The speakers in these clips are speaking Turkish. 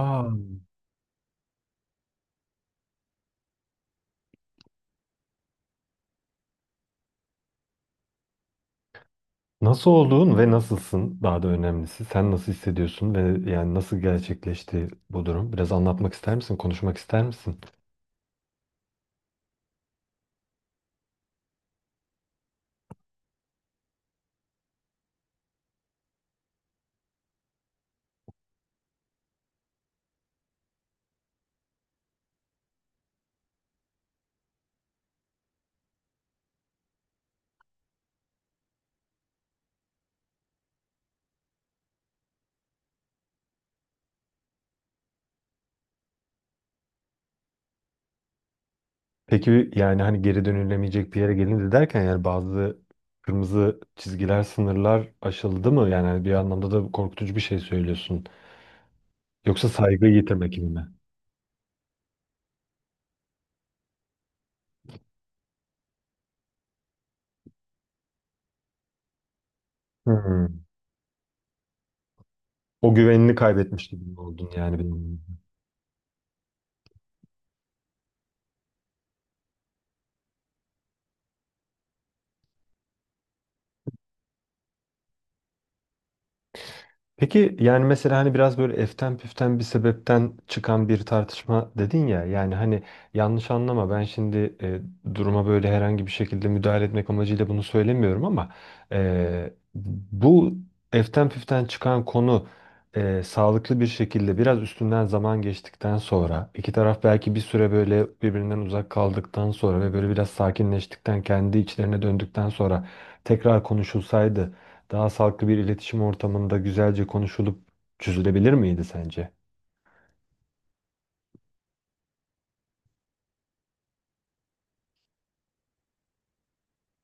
Aa, nasıl olduğun ve nasılsın daha da önemlisi. Sen nasıl hissediyorsun ve yani nasıl gerçekleşti bu durum? Biraz anlatmak ister misin? Konuşmak ister misin? Peki yani hani geri dönülemeyecek bir yere gelindi derken yani bazı kırmızı çizgiler, sınırlar aşıldı mı? Yani hani bir anlamda da korkutucu bir şey söylüyorsun. Yoksa saygıyı yitirmek gibi mi? Hmm. O güvenini kaybetmiş gibi mi oldun yani benim? Peki yani mesela hani biraz böyle eften püften bir sebepten çıkan bir tartışma dedin ya yani hani yanlış anlama ben şimdi duruma böyle herhangi bir şekilde müdahale etmek amacıyla bunu söylemiyorum ama e, bu eften püften çıkan konu sağlıklı bir şekilde biraz üstünden zaman geçtikten sonra iki taraf belki bir süre böyle birbirinden uzak kaldıktan sonra ve böyle biraz sakinleştikten kendi içlerine döndükten sonra tekrar konuşulsaydı daha sağlıklı bir iletişim ortamında güzelce konuşulup çözülebilir miydi sence?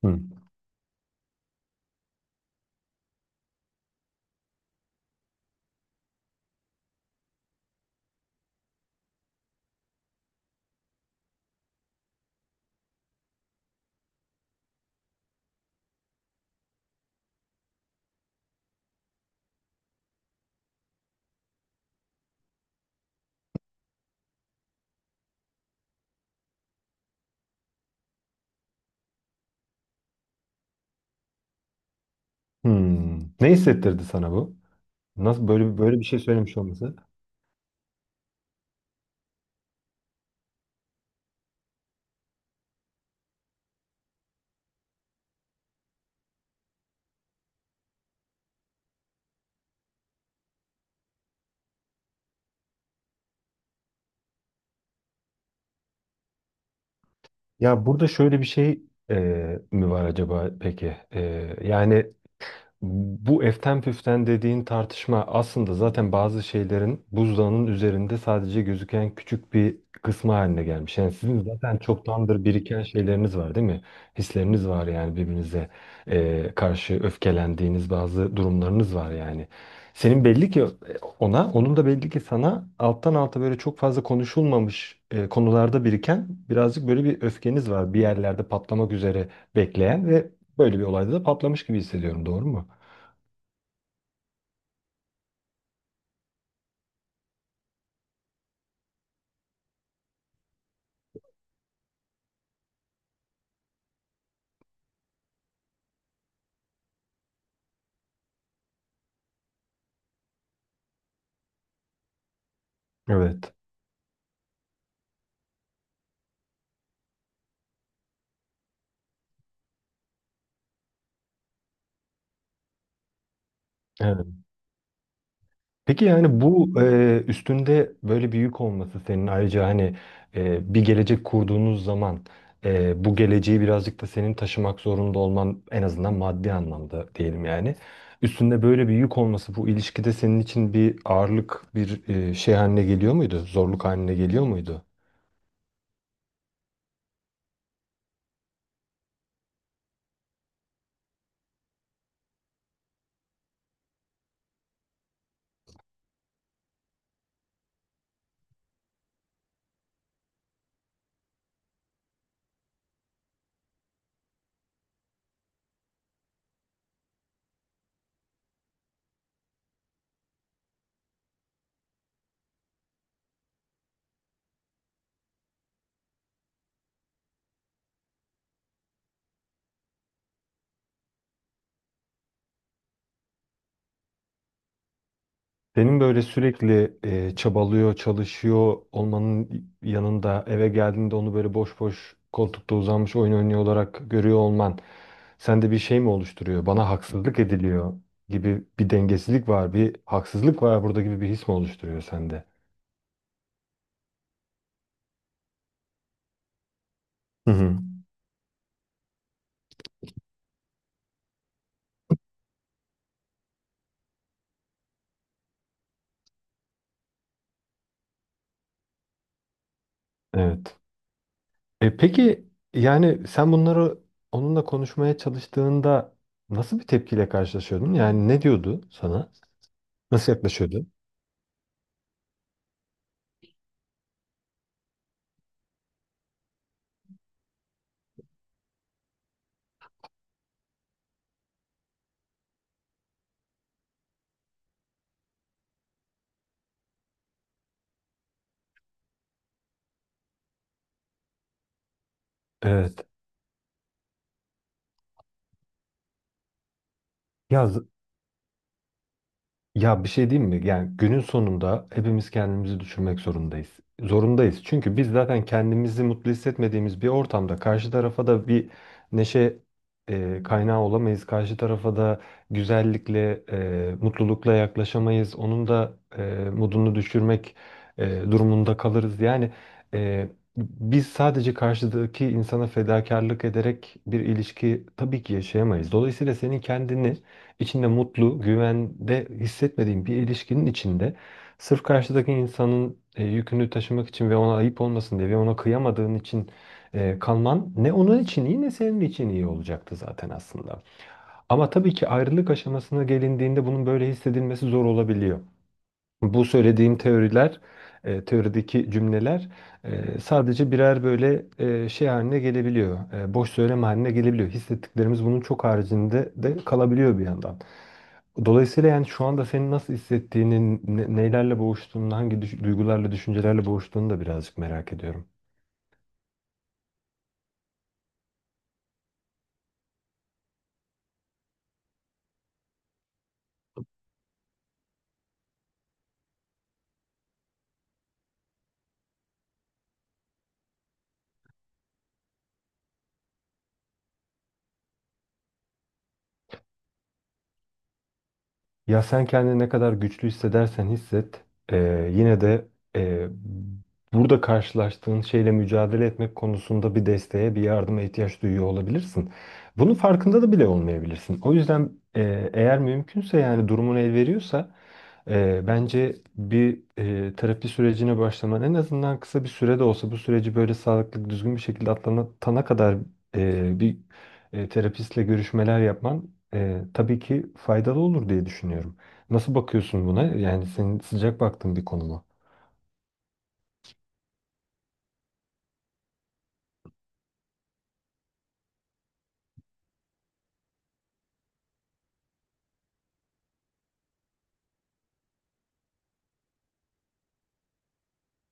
Hı. Hmm. Ne hissettirdi sana bu? Nasıl böyle bir şey söylemiş olması? Ya burada şöyle bir şey e, mi var acaba peki? Yani bu eften püften dediğin tartışma aslında zaten bazı şeylerin buzdağının üzerinde sadece gözüken küçük bir kısmı haline gelmiş. Yani sizin zaten çoktandır biriken şeyleriniz var değil mi? Hisleriniz var yani birbirinize karşı öfkelendiğiniz bazı durumlarınız var yani. Senin belli ki ona, onun da belli ki sana alttan alta böyle çok fazla konuşulmamış konularda biriken birazcık böyle bir öfkeniz var. Bir yerlerde patlamak üzere bekleyen ve böyle bir olayda da patlamış gibi hissediyorum. Doğru mu? Evet. Evet. Peki yani bu üstünde böyle bir yük olması senin ayrıca hani bir gelecek kurduğunuz zaman bu geleceği birazcık da senin taşımak zorunda olman en azından maddi anlamda diyelim yani. Üstünde böyle bir yük olması bu ilişkide senin için bir ağırlık bir şey haline geliyor muydu? Zorluk haline geliyor muydu? Senin böyle sürekli çabalıyor, çalışıyor olmanın yanında eve geldiğinde onu böyle boş boş koltukta uzanmış oyun oynuyor olarak görüyor olman sende bir şey mi oluşturuyor? Bana haksızlık ediliyor gibi bir dengesizlik var, bir haksızlık var burada gibi bir his mi oluşturuyor sende? Hı hı. Evet. Peki yani sen bunları onunla konuşmaya çalıştığında nasıl bir tepkiyle karşılaşıyordun? Yani ne diyordu sana? Nasıl yaklaşıyordu? Evet. Ya bir şey diyeyim mi? Yani günün sonunda hepimiz kendimizi düşünmek zorundayız. Zorundayız. Çünkü biz zaten kendimizi mutlu hissetmediğimiz bir ortamda karşı tarafa da bir neşe kaynağı olamayız. Karşı tarafa da güzellikle, mutlulukla yaklaşamayız. Onun da modunu düşürmek durumunda kalırız. Yani e, biz sadece karşıdaki insana fedakarlık ederek bir ilişki tabii ki yaşayamayız. Dolayısıyla senin kendini içinde mutlu, güvende hissetmediğin bir ilişkinin içinde sırf karşıdaki insanın yükünü taşımak için ve ona ayıp olmasın diye ve ona kıyamadığın için kalman ne onun için iyi ne senin için iyi olacaktı zaten aslında. Ama tabii ki ayrılık aşamasına gelindiğinde bunun böyle hissedilmesi zor olabiliyor. Bu söylediğim teoriler, teorideki cümleler sadece birer böyle şey haline gelebiliyor. Boş söylem haline gelebiliyor. Hissettiklerimiz bunun çok haricinde de kalabiliyor bir yandan. Dolayısıyla yani şu anda senin nasıl hissettiğini, nelerle boğuştuğunu, hangi duygularla, düşüncelerle boğuştuğunu da birazcık merak ediyorum. Ya sen kendini ne kadar güçlü hissedersen hisset, yine de eee, burada karşılaştığın şeyle mücadele etmek konusunda bir desteğe, bir yardıma ihtiyaç duyuyor olabilirsin. Bunun farkında da bile olmayabilirsin. O yüzden eğer mümkünse yani durumun el veriyorsa bence bir terapi sürecine başlaman en azından kısa bir sürede olsa bu süreci böyle sağlıklı, düzgün bir şekilde atlatana kadar bir terapistle görüşmeler yapman tabii ki faydalı olur diye düşünüyorum. Nasıl bakıyorsun buna? Yani senin sıcak baktığın bir konu mu?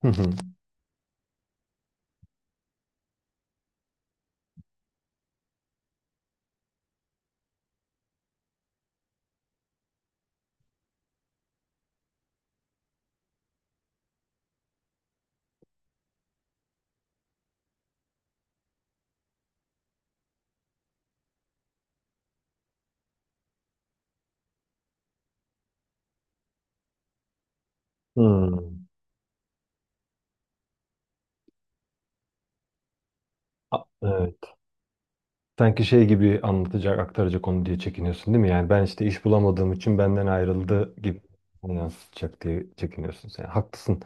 Hı hı. Hmm. Evet. Sanki şey gibi anlatacak, aktaracak onu diye çekiniyorsun değil mi? Yani ben işte iş bulamadığım için benden ayrıldı gibi yansıtacak diye çekiniyorsun sen. Haklısın.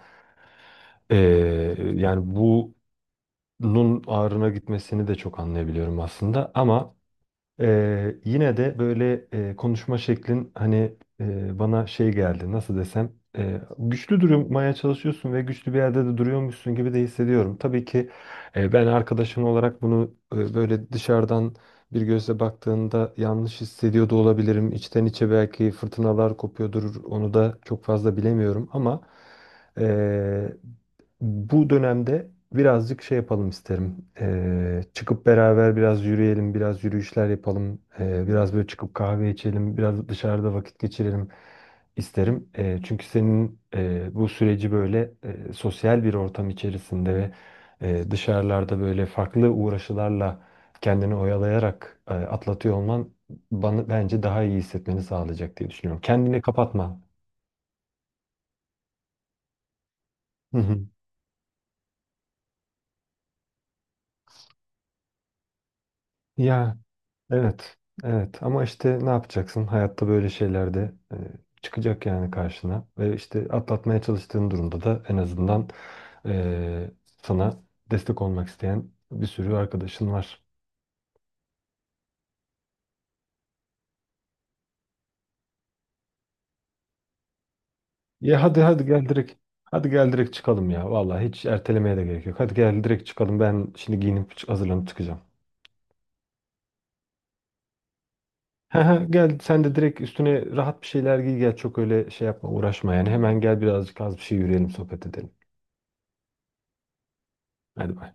Ee, Yani bunun ağrına gitmesini de çok anlayabiliyorum aslında ama yine de böyle konuşma şeklin hani bana şey geldi nasıl desem güçlü durmaya çalışıyorsun ve güçlü bir yerde de duruyormuşsun gibi de hissediyorum. Tabii ki ben arkadaşın olarak bunu böyle dışarıdan bir gözle baktığında yanlış hissediyor da olabilirim. İçten içe belki fırtınalar kopuyordur onu da çok fazla bilemiyorum ama e, bu dönemde birazcık şey yapalım isterim. Çıkıp beraber biraz yürüyelim, biraz yürüyüşler yapalım. Biraz böyle çıkıp kahve içelim, biraz dışarıda vakit geçirelim isterim. Çünkü senin bu süreci böyle sosyal bir ortam içerisinde ve dışarılarda böyle farklı uğraşılarla kendini oyalayarak atlatıyor olman bana bence daha iyi hissetmeni sağlayacak diye düşünüyorum. Kendini kapatma. Hı hı. Ya evet, evet ama işte ne yapacaksın? Hayatta böyle şeyler de çıkacak yani karşına. Ve işte atlatmaya çalıştığın durumda da en azından e, sana destek olmak isteyen bir sürü arkadaşın var. Ya hadi hadi gel direkt. Hadi gel direkt çıkalım ya. Vallahi hiç ertelemeye de gerek yok. Hadi gel direkt çıkalım. Ben şimdi giyinip hazırlanıp çıkacağım. He he, gel sen de direkt üstüne rahat bir şeyler giy gel. Çok öyle şey yapma uğraşma yani. Hemen gel birazcık az bir şey yürüyelim sohbet edelim. Hadi bay.